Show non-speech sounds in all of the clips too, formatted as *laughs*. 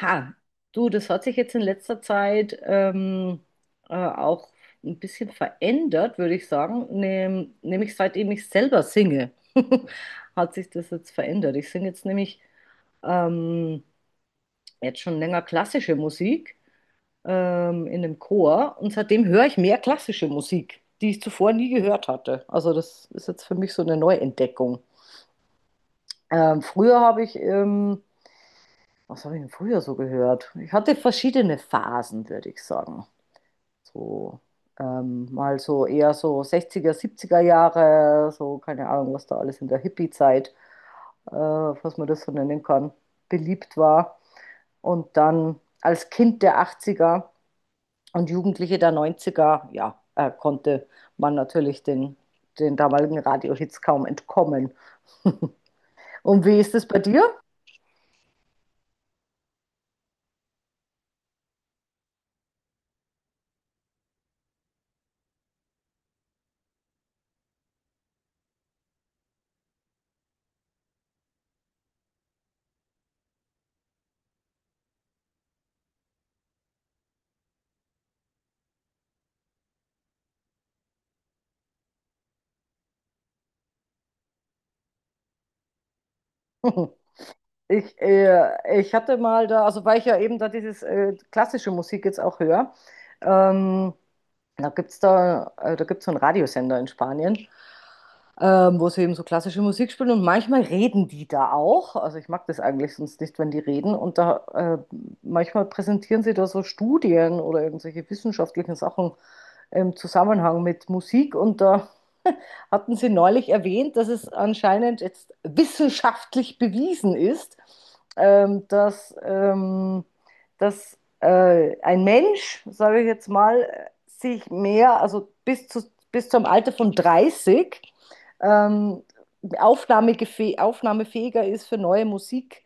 Ha, du, das hat sich jetzt in letzter Zeit auch ein bisschen verändert, würde ich sagen. Nämlich seitdem ich selber singe, *laughs* hat sich das jetzt verändert. Ich singe jetzt nämlich ähm, jetzt schon länger klassische Musik in einem Chor und seitdem höre ich mehr klassische Musik, die ich zuvor nie gehört hatte. Also das ist jetzt für mich so eine Neuentdeckung. Ähm, früher habe ich, ähm, Was habe ich denn früher so gehört? Ich hatte verschiedene Phasen, würde ich sagen. So, mal so eher so 60er 70er Jahre, so keine Ahnung, was da alles in der Hippie-Zeit, was man das so nennen kann, beliebt war. Und dann als Kind der 80er und Jugendliche der 90er ja, konnte man natürlich den damaligen Radiohits kaum entkommen. *laughs* Und wie ist es bei dir? *laughs* Ich hatte mal da, also weil ich ja eben da dieses klassische Musik jetzt auch höre, ähm, da gibt's so einen Radiosender in Spanien, wo sie eben so klassische Musik spielen und manchmal reden die da auch. Also ich mag das eigentlich sonst nicht, wenn die reden. Und da manchmal präsentieren sie da so Studien oder irgendwelche wissenschaftlichen Sachen im Zusammenhang mit Musik und da hatten Sie neulich erwähnt, dass es anscheinend jetzt wissenschaftlich bewiesen ist, ähm, dass, ähm, dass ein Mensch, sage ich jetzt mal, sich mehr, also bis zum Alter von 30 ähm, aufnahmefähiger ist für neue Musik,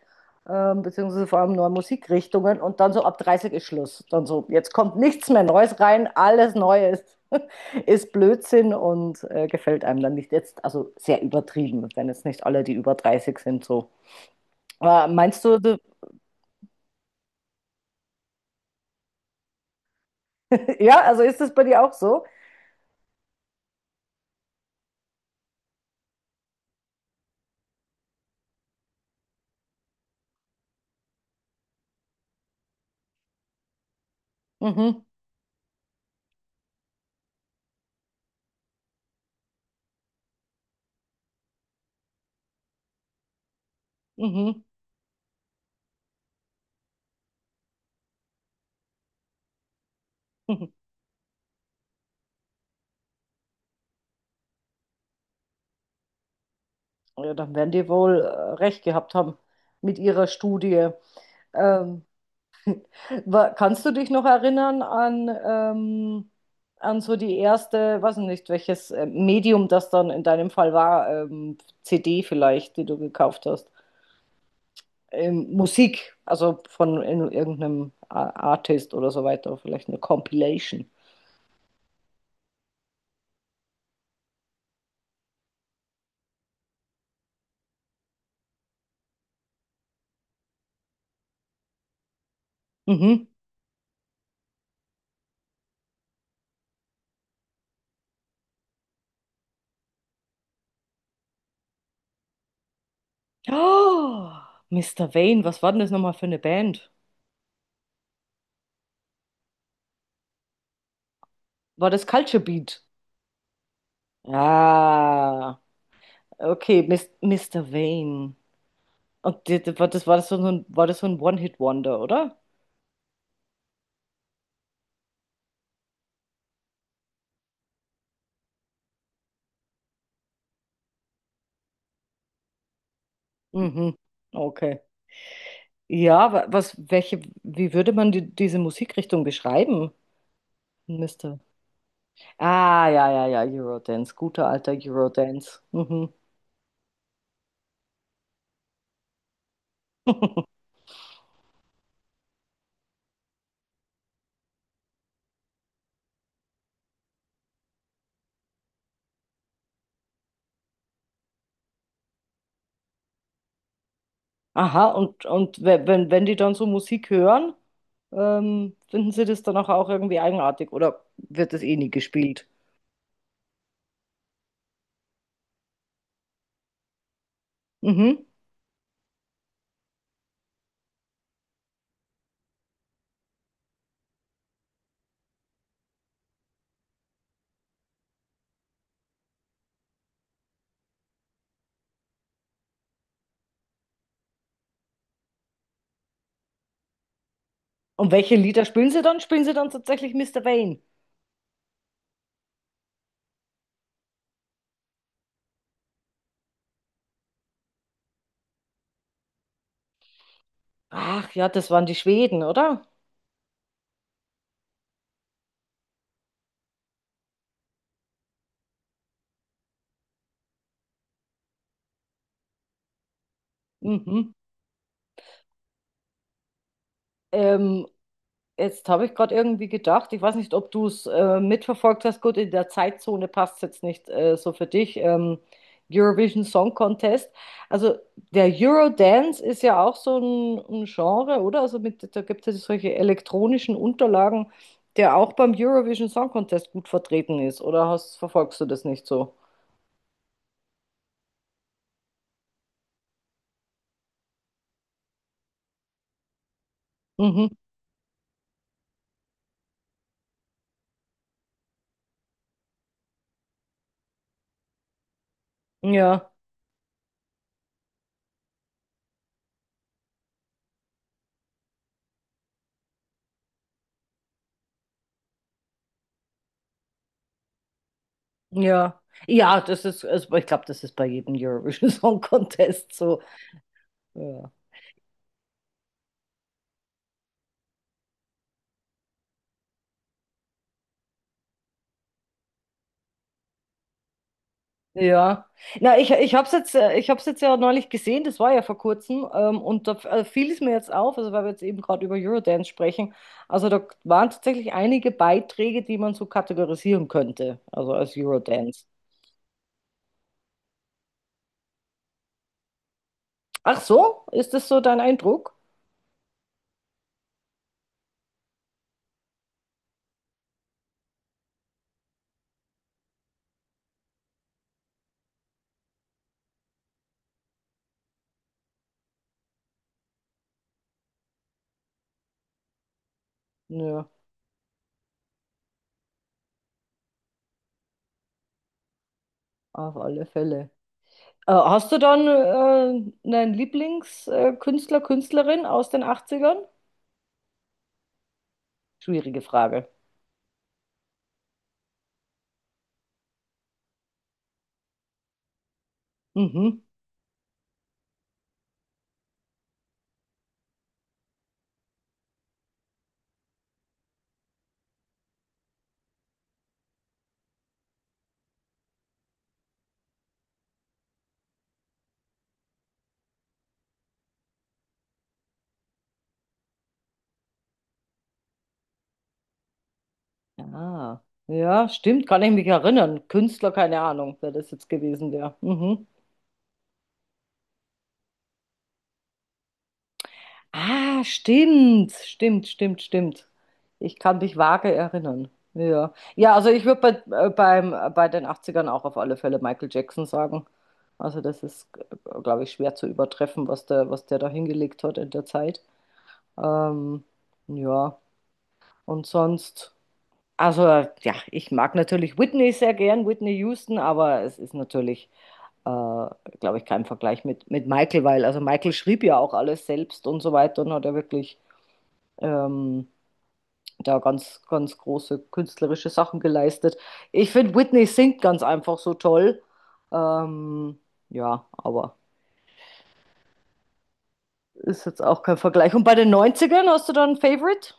beziehungsweise vor allem neue Musikrichtungen. Und dann so ab 30 ist Schluss. Dann so, jetzt kommt nichts mehr Neues rein, alles Neues *laughs* ist Blödsinn und gefällt einem dann nicht. Jetzt, also sehr übertrieben, wenn jetzt nicht alle, die über 30 sind, so. Aber meinst du? *laughs* Ja, also ist das bei dir auch so? Mhm, mhm, mhm. Ja, dann werden die wohl recht gehabt haben mit ihrer Studie. Ähm, Kannst du dich noch erinnern an so die erste, weiß ich nicht, welches Medium das dann in deinem Fall war, CD vielleicht, die du gekauft hast? Musik, also von irgendeinem Artist oder so weiter, vielleicht eine Compilation. Mhm. Oh, Mr. Vane, was war denn das nochmal für eine Band? War das Culture Beat? Ah, okay, Mis Mr. Vane. Und war das so ein One-Hit-Wonder, oder? Mhm. Okay. Ja, wie würde man diese Musikrichtung beschreiben, Mister? Ah, ja, ja, ja, Eurodance, guter alter Eurodance. Mhm. *laughs* Aha, und wenn die dann so Musik hören, finden sie das dann auch irgendwie eigenartig oder wird das eh nie gespielt? Mhm. Und welche Lieder spielen sie dann? Spielen sie dann tatsächlich Mister Wayne? Ach ja, das waren die Schweden, oder? Mhm. Ähm, Jetzt habe ich gerade irgendwie gedacht, ich weiß nicht, ob du es mitverfolgt hast. Gut, in der Zeitzone passt es jetzt nicht so für dich. Eurovision Song Contest. Also der Eurodance ist ja auch so ein Genre, oder? Also da gibt es solche elektronischen Unterlagen, der auch beim Eurovision Song Contest gut vertreten ist. Oder verfolgst du das nicht so? Mhm. Ja, ja. Ja, das ist, also ich glaube, das ist bei jedem Eurovision Song Contest so. Ja. Ja, na, ich hab's jetzt ja neulich gesehen, das war ja vor kurzem, und da fiel es mir jetzt auf, also weil wir jetzt eben gerade über Eurodance sprechen, also da waren tatsächlich einige Beiträge, die man so kategorisieren könnte, also als Eurodance. Ach so, ist das so dein Eindruck? Ja, auf alle Fälle. Hast du dann einen Lieblingskünstler, Künstlerin aus den Achtzigern? Schwierige Frage. Mhm. Ah, ja, stimmt, kann ich mich erinnern. Künstler, keine Ahnung, wer das jetzt gewesen wäre. Mhm. Ah, stimmt, stimmt, stimmt, stimmt. Ich kann mich vage erinnern. Ja, ja, also ich würde bei den Achtzigern auch auf alle Fälle Michael Jackson sagen. Also das ist, glaube ich, schwer zu übertreffen, was der da hingelegt hat in der Zeit. Ähm, ja, und sonst, also ja, ich mag natürlich Whitney sehr gern, Whitney Houston, aber es ist natürlich äh, glaube ich, kein Vergleich mit Michael, weil also Michael schrieb ja auch alles selbst und so weiter und hat ja wirklich ähm, da ganz, ganz große künstlerische Sachen geleistet. Ich finde, Whitney singt ganz einfach so toll. Ähm, ja, aber ist jetzt auch kein Vergleich. Und bei den Neunzigern hast du da ein Favorite?